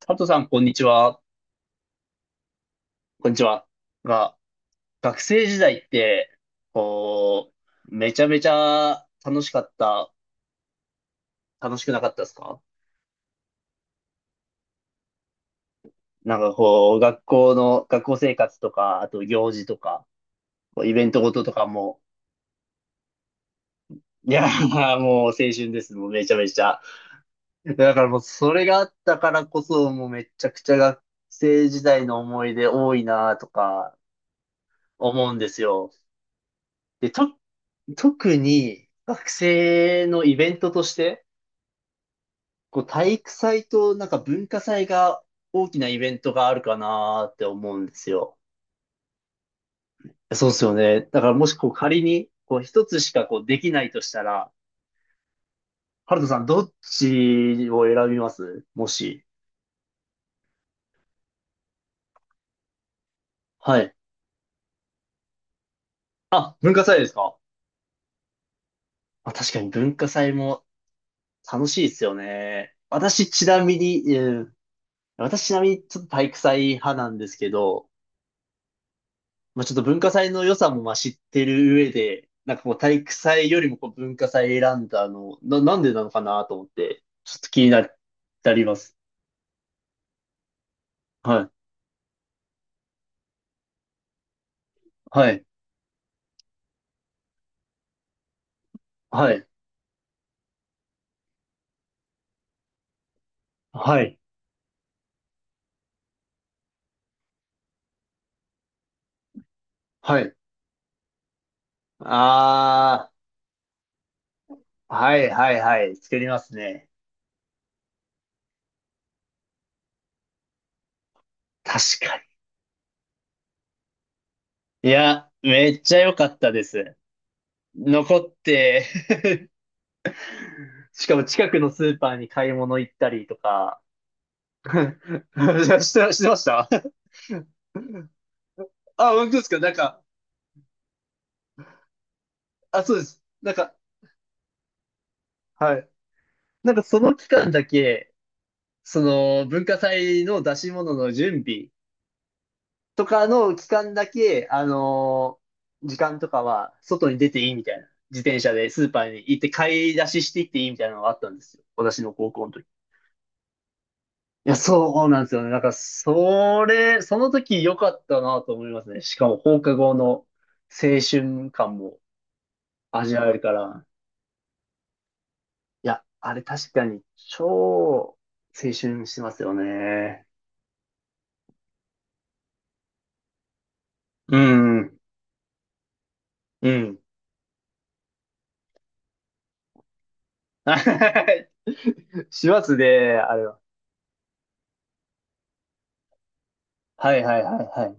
佐藤さん、こんにちは。こんにちは。が、学生時代って、こめちゃめちゃ楽しかった、楽しくなかったですか？なんかこう、学校の、学校生活とか、あと行事とか、こうイベントごととかも、いやー、もう青春です。もうめちゃめちゃ。だからもうそれがあったからこそ、もうめちゃくちゃ学生時代の思い出多いなとか思うんですよ。で、と、特に学生のイベントとして、こう体育祭となんか文化祭が大きなイベントがあるかなーって思うんですよ。そうですよね。だからもしこう仮にこう一つしかこうできないとしたら、ハルトさんどっちを選びます？もし。はい。あ、文化祭ですか？あ、確かに文化祭も楽しいですよね。私ちなみに、うん、私ちなみにちょっと体育祭派なんですけど、まあちょっと文化祭の良さもまあ知ってる上で、なんかこう体育祭よりもこう文化祭選んだの、なんでなのかなと思って、ちょっと気になります。はい。はい。はい。はい。はい。ああ、はいはいはい。作りますね。確かに。いや、めっちゃ良かったです。残って しかも近くのスーパーに買い物行ったりとか。して、してました。 あ、本当ですか？なんか、あ、そうです。なんか、はい。なんかその期間だけ、その文化祭の出し物の準備とかの期間だけ、時間とかは外に出ていいみたいな。自転車でスーパーに行って買い出ししていっていいみたいなのがあったんですよ。私の高校の時。いや、そうなんですよね。なんか、それ、その時良かったなと思いますね。しかも放課後の青春感も味わえるから。いや、あれ確かに超青春してますよね。うん、うん。はい、しますね、あれは。はいはいはいはい。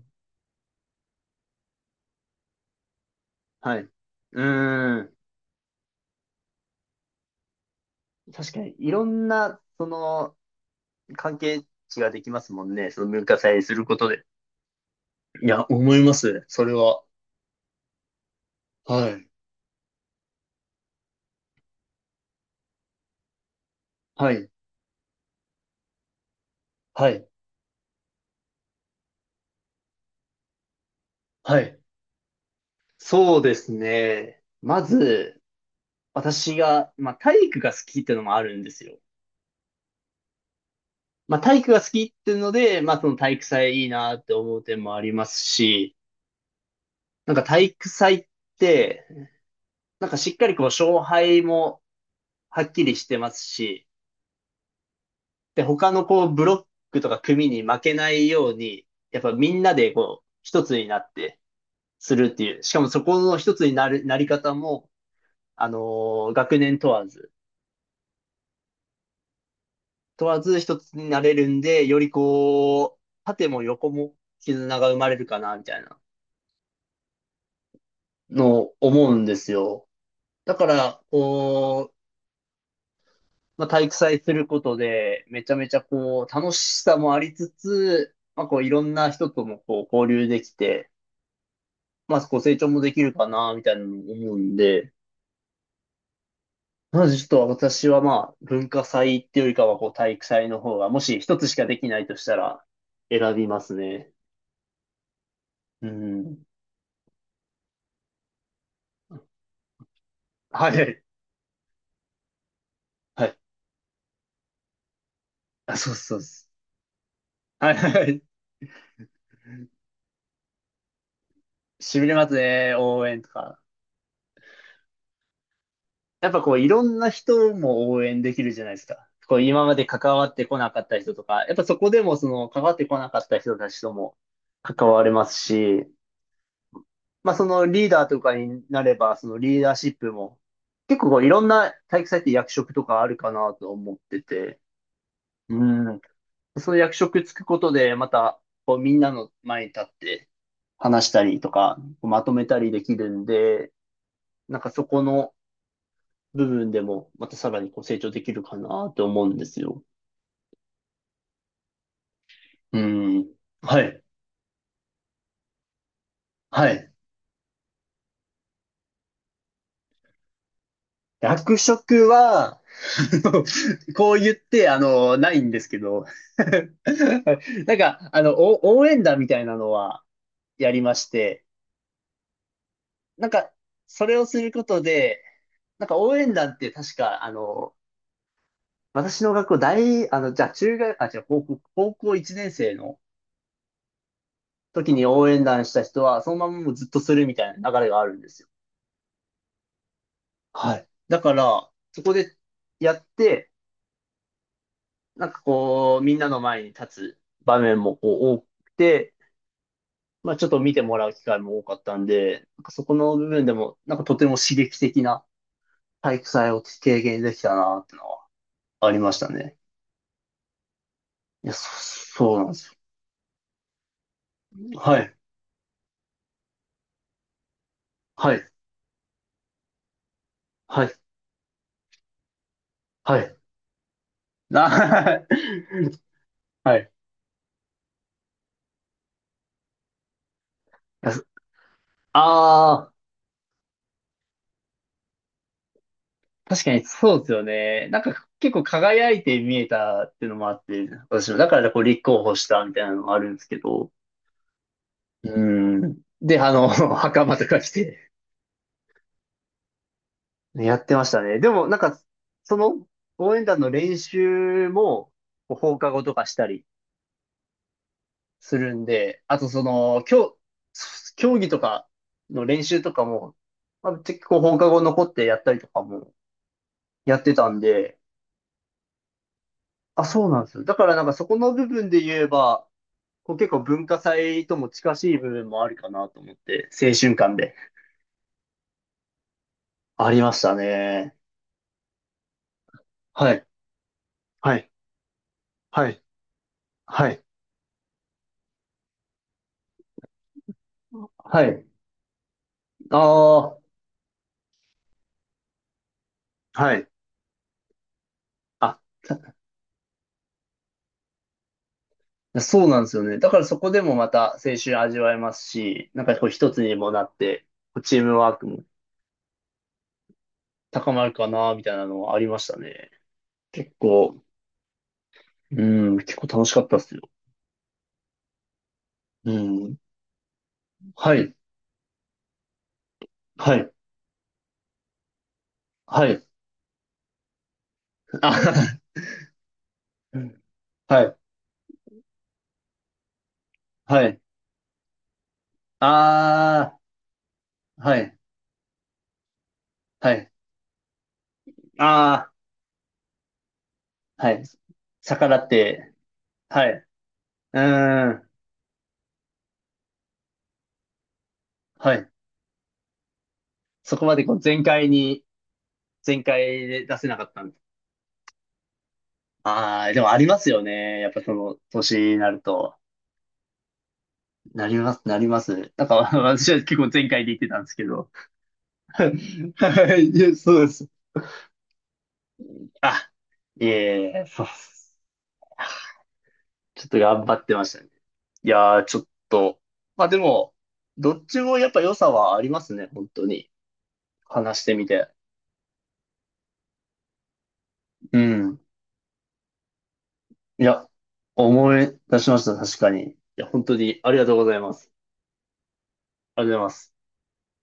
はい。うーん。確かに、いろんな、その、関係値ができますもんね。その文化祭することで。いや、思います。それは。はい。はい。はい。はい。そうですね。まず、私が、まあ、体育が好きってのもあるんですよ。まあ、体育が好きっていうので、まあ、その体育祭いいなって思う点もありますし、なんか体育祭って、なんかしっかりこう勝敗もはっきりしてますし、で、他のこうブロックとか組に負けないように、やっぱみんなでこう一つになってするっていう、しかもそこの一つになる、なり方も、あの学年問わず、問わず一つになれるんで、よりこう、縦も横も絆が生まれるかな、みたいなのを思うんですよ。だから、こう、まあ、体育祭することで、めちゃめちゃこう、楽しさもありつつ、まあ、こう、いろんな人ともこう、交流できて、まあ、こう、成長もできるかな、みたいなのも思うんで、まずちょっと私はまあ、文化祭っていうよりかは、こう、体育祭の方が、もし一つしかできないとしたら、選びますね。うん。はいはい。はい。あ、そうそうです。はいはいはい。しびれますね、応援とか。やっぱこういろんな人も応援できるじゃないですか。こう今まで関わってこなかった人とか、やっぱそこでもその関わってこなかった人たちとも関われますし、まあそのリーダーとかになれば、そのリーダーシップも結構こういろんな体育祭って役職とかあるかなと思ってて、うん。その役職つくことでまたこうみんなの前に立って話したりとか、まとめたりできるんで、なんかそこの部分でも、またさらにこう成長できるかなって思うんですよ。うん。はい。はい。役職は、あの、こう言って、あの、ないんですけど。なんか、あの、お応援団みたいなのはやりまして、なんか、それをすることで、なんか応援団って確か、あの、私の学校大、あの、じゃあ中学、あ、じゃあ高校、高校1年生の時に応援団した人は、そのままもうずっとするみたいな流れがあるんですよ。はい。だから、そこでやって、なんかこう、みんなの前に立つ場面もこう多くて、まあちょっと見てもらう機会も多かったんで、なんかそこの部分でも、なんかとても刺激的な体育祭を経験できたなってのはありましたね。いや、そうなんですよ。はい、はい、はい、はい。な はい。ああー。確かにそうですよね。なんか結構輝いて見えたっていうのもあって、私も、だからこう立候補したみたいなのもあるんですけど。うん。で、あの、袴とか着てやってましたね。でもなんか、その応援団の練習もこう放課後とかしたりするんで、あとその、競技とかの練習とかも、まあ、結構放課後残ってやったりとかもやってたんで、あ、そうなんですよ。だからなんかそこの部分で言えば、こう結構文化祭とも近しい部分もあるかなと思って、青春感で。ありましたね。はい。はい。はい。はい。はい。ああ、はい。あ。あ、そうなんですよね。だからそこでもまた青春味わえますし、なんかこう一つにもなって、こうチームワークも高まるかな、みたいなのはありましたね。結構、うん、結構楽しかったっすよ。うん。はい。はい。はい。あ、はい。はい。ああ、はい。はい。ああ、はい。逆らって、はい。うーん、はい。そこまでこう全開に、全開で出せなかったんで。ああ、でもありますよね。やっぱその年になると。なります、なります。なんか 私は結構全開で言ってたんですけど。はい、いやそうです。あ、いえいえ、そうっす。ちょっと頑張ってましたね。いやー、ちょっと。まあでも、どっちもやっぱ良さはありますね、本当に。話してみて。うん。いや、思い出しました、確かに。いや、本当にありがとうございます。ありがとうございます。